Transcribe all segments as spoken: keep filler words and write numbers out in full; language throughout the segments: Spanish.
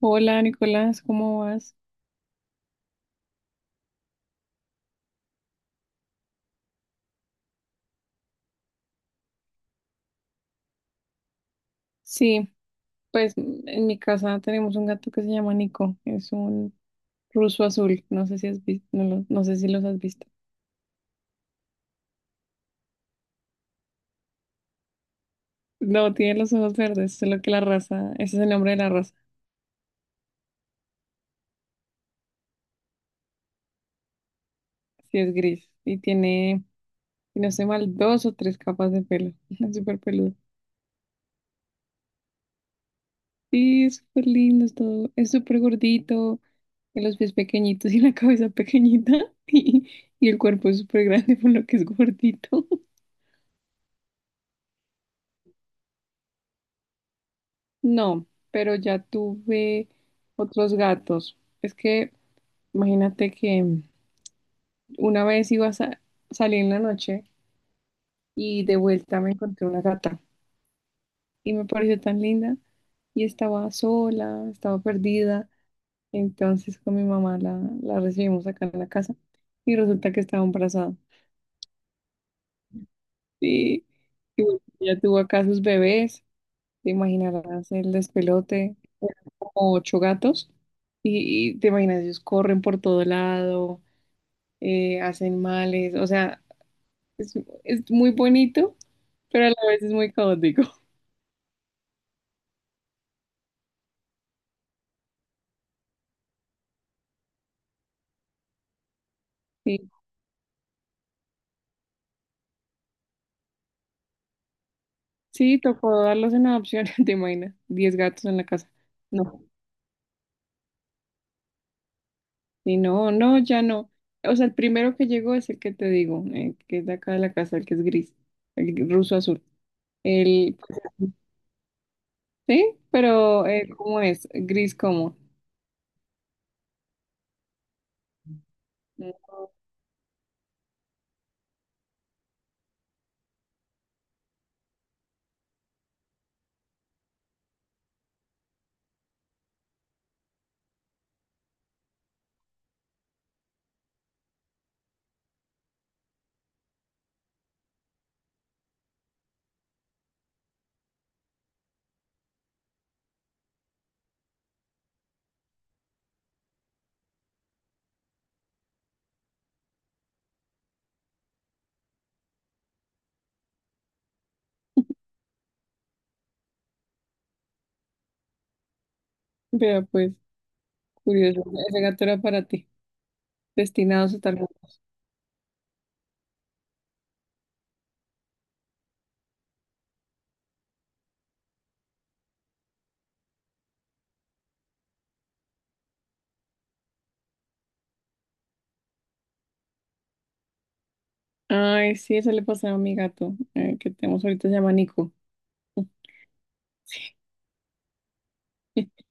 Hola Nicolás, ¿cómo vas? Sí, pues mm, en mi casa tenemos un gato que se llama Nico, es un ruso azul, no sé si has visto, no, lo- no sé si los has visto. No, tiene los ojos verdes, solo que la raza, ese es el nombre de la raza, sí es gris y tiene, si no sé mal, dos o tres capas de pelo, es súper peludo. Sí, es súper lindo, es todo, es súper gordito, tiene los pies pequeñitos y la cabeza pequeñita y, y el cuerpo es súper grande por lo que es gordito. No, pero ya tuve otros gatos. Es que imagínate que una vez iba a sa- salir en la noche y de vuelta me encontré una gata y me pareció tan linda y estaba sola, estaba perdida. Entonces con mi mamá la, la recibimos acá en la casa y resulta que estaba embarazada. Y, y bueno, ya tuvo acá sus bebés. Te imaginarás el despelote, eran como ocho gatos, y, y te imaginas, ellos corren por todo lado, eh, hacen males, o sea, es, es muy bonito, pero a la vez es muy caótico. Sí, sí, tocó darlos en adopción, te imaginas, diez gatos en la casa. No, y no, no, ya no. O sea, el primero que llegó es el que te digo, eh, que es de acá de la casa, el que es gris, el ruso azul. El, pues, sí, pero eh, ¿cómo es? Gris como. Vea, pues, curioso, ese gato era para ti, destinado a tal. Ay, sí, eso le pasaba a mi gato, eh, que tenemos ahorita, se llama Nico.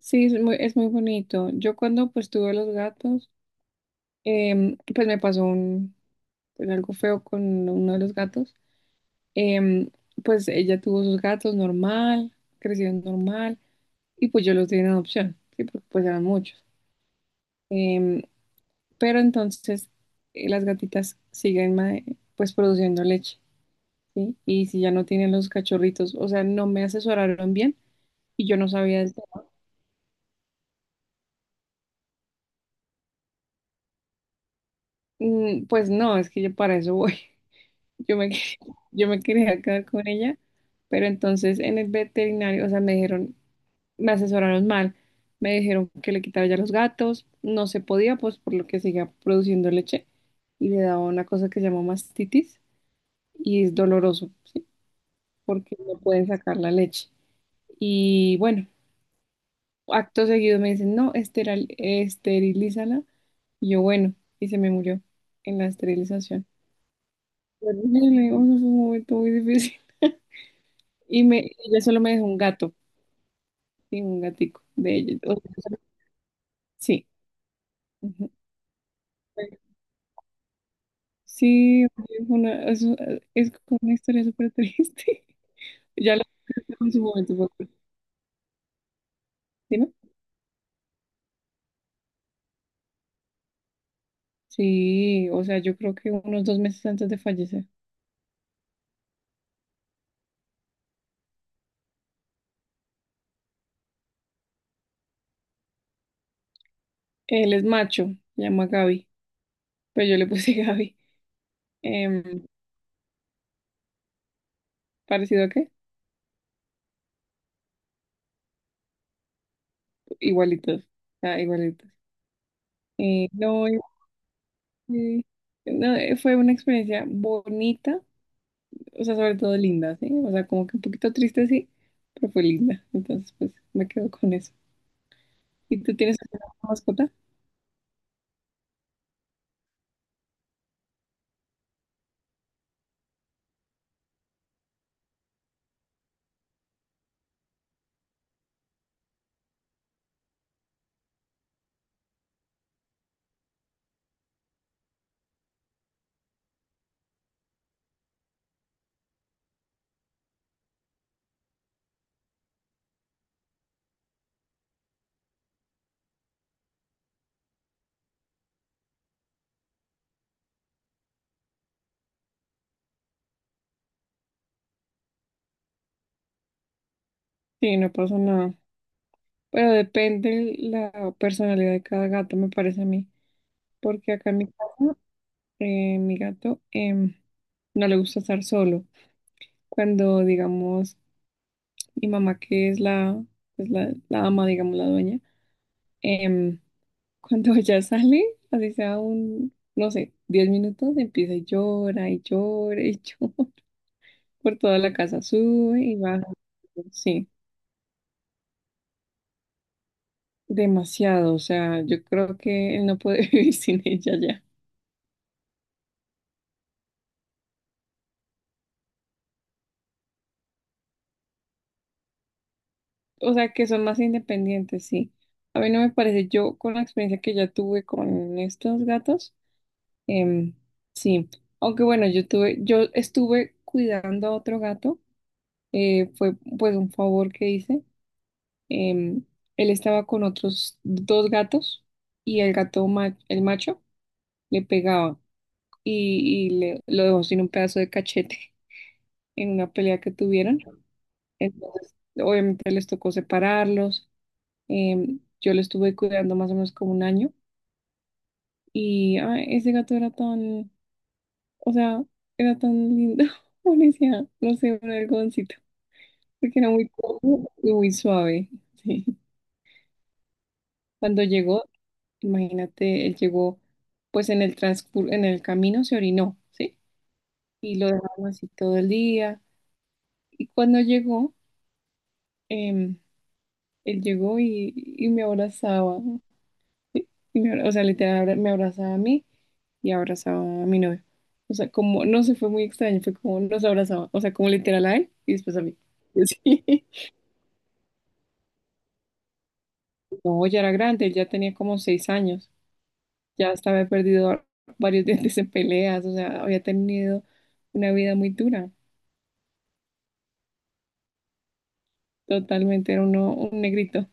Sí, es muy, es muy bonito. Yo cuando pues tuve los gatos, em, pues me pasó un, pues algo feo con uno de los gatos. Em, pues ella tuvo sus gatos normal, crecieron normal, y pues yo los di en adopción, sí, porque pues eran muchos. Em, pero entonces eh, las gatitas siguen ma- pues produciendo leche. ¿Sí? Y si ya no tienen los cachorritos, o sea, no me asesoraron bien y yo no sabía del tema. Mm, Pues no, es que yo para eso voy. Yo me, quería- yo me quería quedar con ella, pero entonces en el veterinario, o sea, me dijeron, me asesoraron mal. Me dijeron que le quitara ya los gatos, no se podía, pues por lo que seguía produciendo leche y le daba una cosa que se llama mastitis y es doloroso, ¿sí? Porque no pueden sacar la leche. Y bueno, acto seguido me dicen, no, esteral, esterilízala. Y yo, bueno, y se me murió en la esterilización. Horrible, o sea, fue un momento muy difícil. Y me, ella solo me dejó un gato, sí, un gatico de ella. O sea, sí. Ujú. Bueno, sí, es, una, es, es como una historia súper triste. Ya la en su momento, fue- ¿sí, no? Sí, o sea, yo creo que unos dos meses antes de fallecer. Él es macho, se llama Gaby, pero yo le puse Gaby. Em, ¿parecido a qué? Igualitos, o sea, igualitos. Eh, no, sí. No, eh, fue una experiencia bonita, o sea, sobre todo linda, ¿sí? O sea, como que un poquito triste, sí, pero fue linda. Entonces, pues me quedo con eso. ¿Y tú tienes alguna mascota? Sí, no pasa nada. Pero depende la personalidad de cada gato, me parece a mí. Porque acá en mi casa, eh, mi gato em, no le gusta estar solo. Cuando, digamos, mi mamá, que es la, pues la, la ama, digamos, la dueña, em, Cuando ya sale, así sea un, no sé, diez minutos, empieza y llora y llora y llora por toda la casa, sube y baja. Sí, demasiado. O sea, yo creo que él no puede vivir sin ella ya. O sea, que son más independientes, sí. A mí no me parece, yo con la experiencia que ya tuve con estos gatos, em, sí. Aunque bueno, yo tuve, yo estuve cuidando a otro gato, eh, fue pues un favor que hice. Em, él estaba con otros dos gatos y el gato, ma- el macho le pegaba y, y le, lo dejó sin un pedazo de cachete en una pelea que tuvieron. Entonces, obviamente les tocó separarlos. Em, yo lo estuve cuidando más o menos como un año y ay, ese gato era tan, o sea, era tan lindo. Uno no sé, un algodoncito, porque era muy cómodo y muy suave. Sí. Cuando llegó, imagínate, él llegó, pues en el transcur en el camino se orinó, ¿sí? Y lo dejaron así todo el día. Y cuando llegó, em, él llegó y, y me abrazaba, ¿sí? Y me abra- o sea, literal, abra- me abrazaba a mí y abrazaba a mi novio. O sea, como, no sé, fue muy extraño, fue como nos abrazaba, o sea, como literal a él y después a mí. Sí. No, ya era grande, él ya tenía como seis años, ya hasta había perdido varios dientes en peleas, o sea, había tenido una vida muy dura. Totalmente, era uno, un negrito.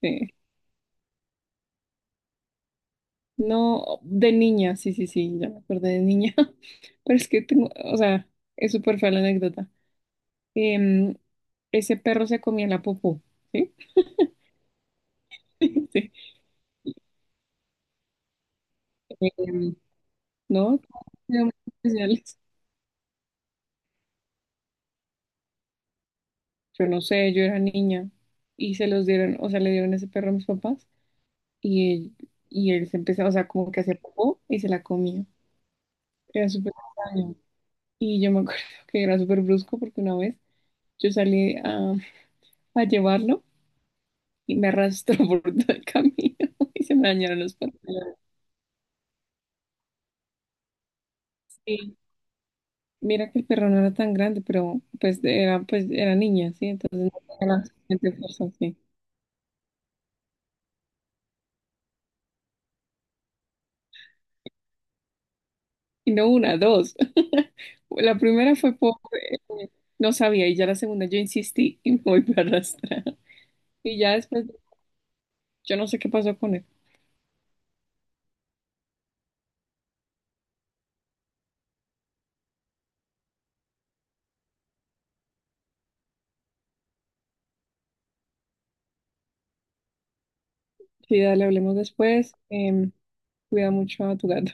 Sí. No, de niña, sí, sí, sí, ya me acordé de niña. Pero es que tengo, o sea, es súper fea la anécdota. Em, ese perro se comía la popó, ¿sí? Sí. Em, ¿no? Muy especiales. Yo no sé, yo era niña y se los dieron, o sea, le dieron ese perro a mis papás y él, y él, se empezaba, o sea, como que hacía popó y se la comía. Era súper extraño. Y yo me acuerdo que era súper brusco porque una vez yo salí a, a llevarlo y me arrastró por todo el camino y se me dañaron los pantalones. Sí. Mira que el perro no era tan grande, pero pues era, pues era niña, ¿sí? Entonces no tenía la suficiente fuerza, sí. Y no una, dos. La primera fue por. eh, no sabía, y ya la segunda yo insistí y me volví a arrastrar. Y ya después, yo no sé qué pasó con él. Sí, dale, hablemos después. Em, cuida mucho a tu gato.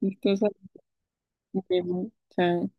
Entonces, nos vemos. Chao.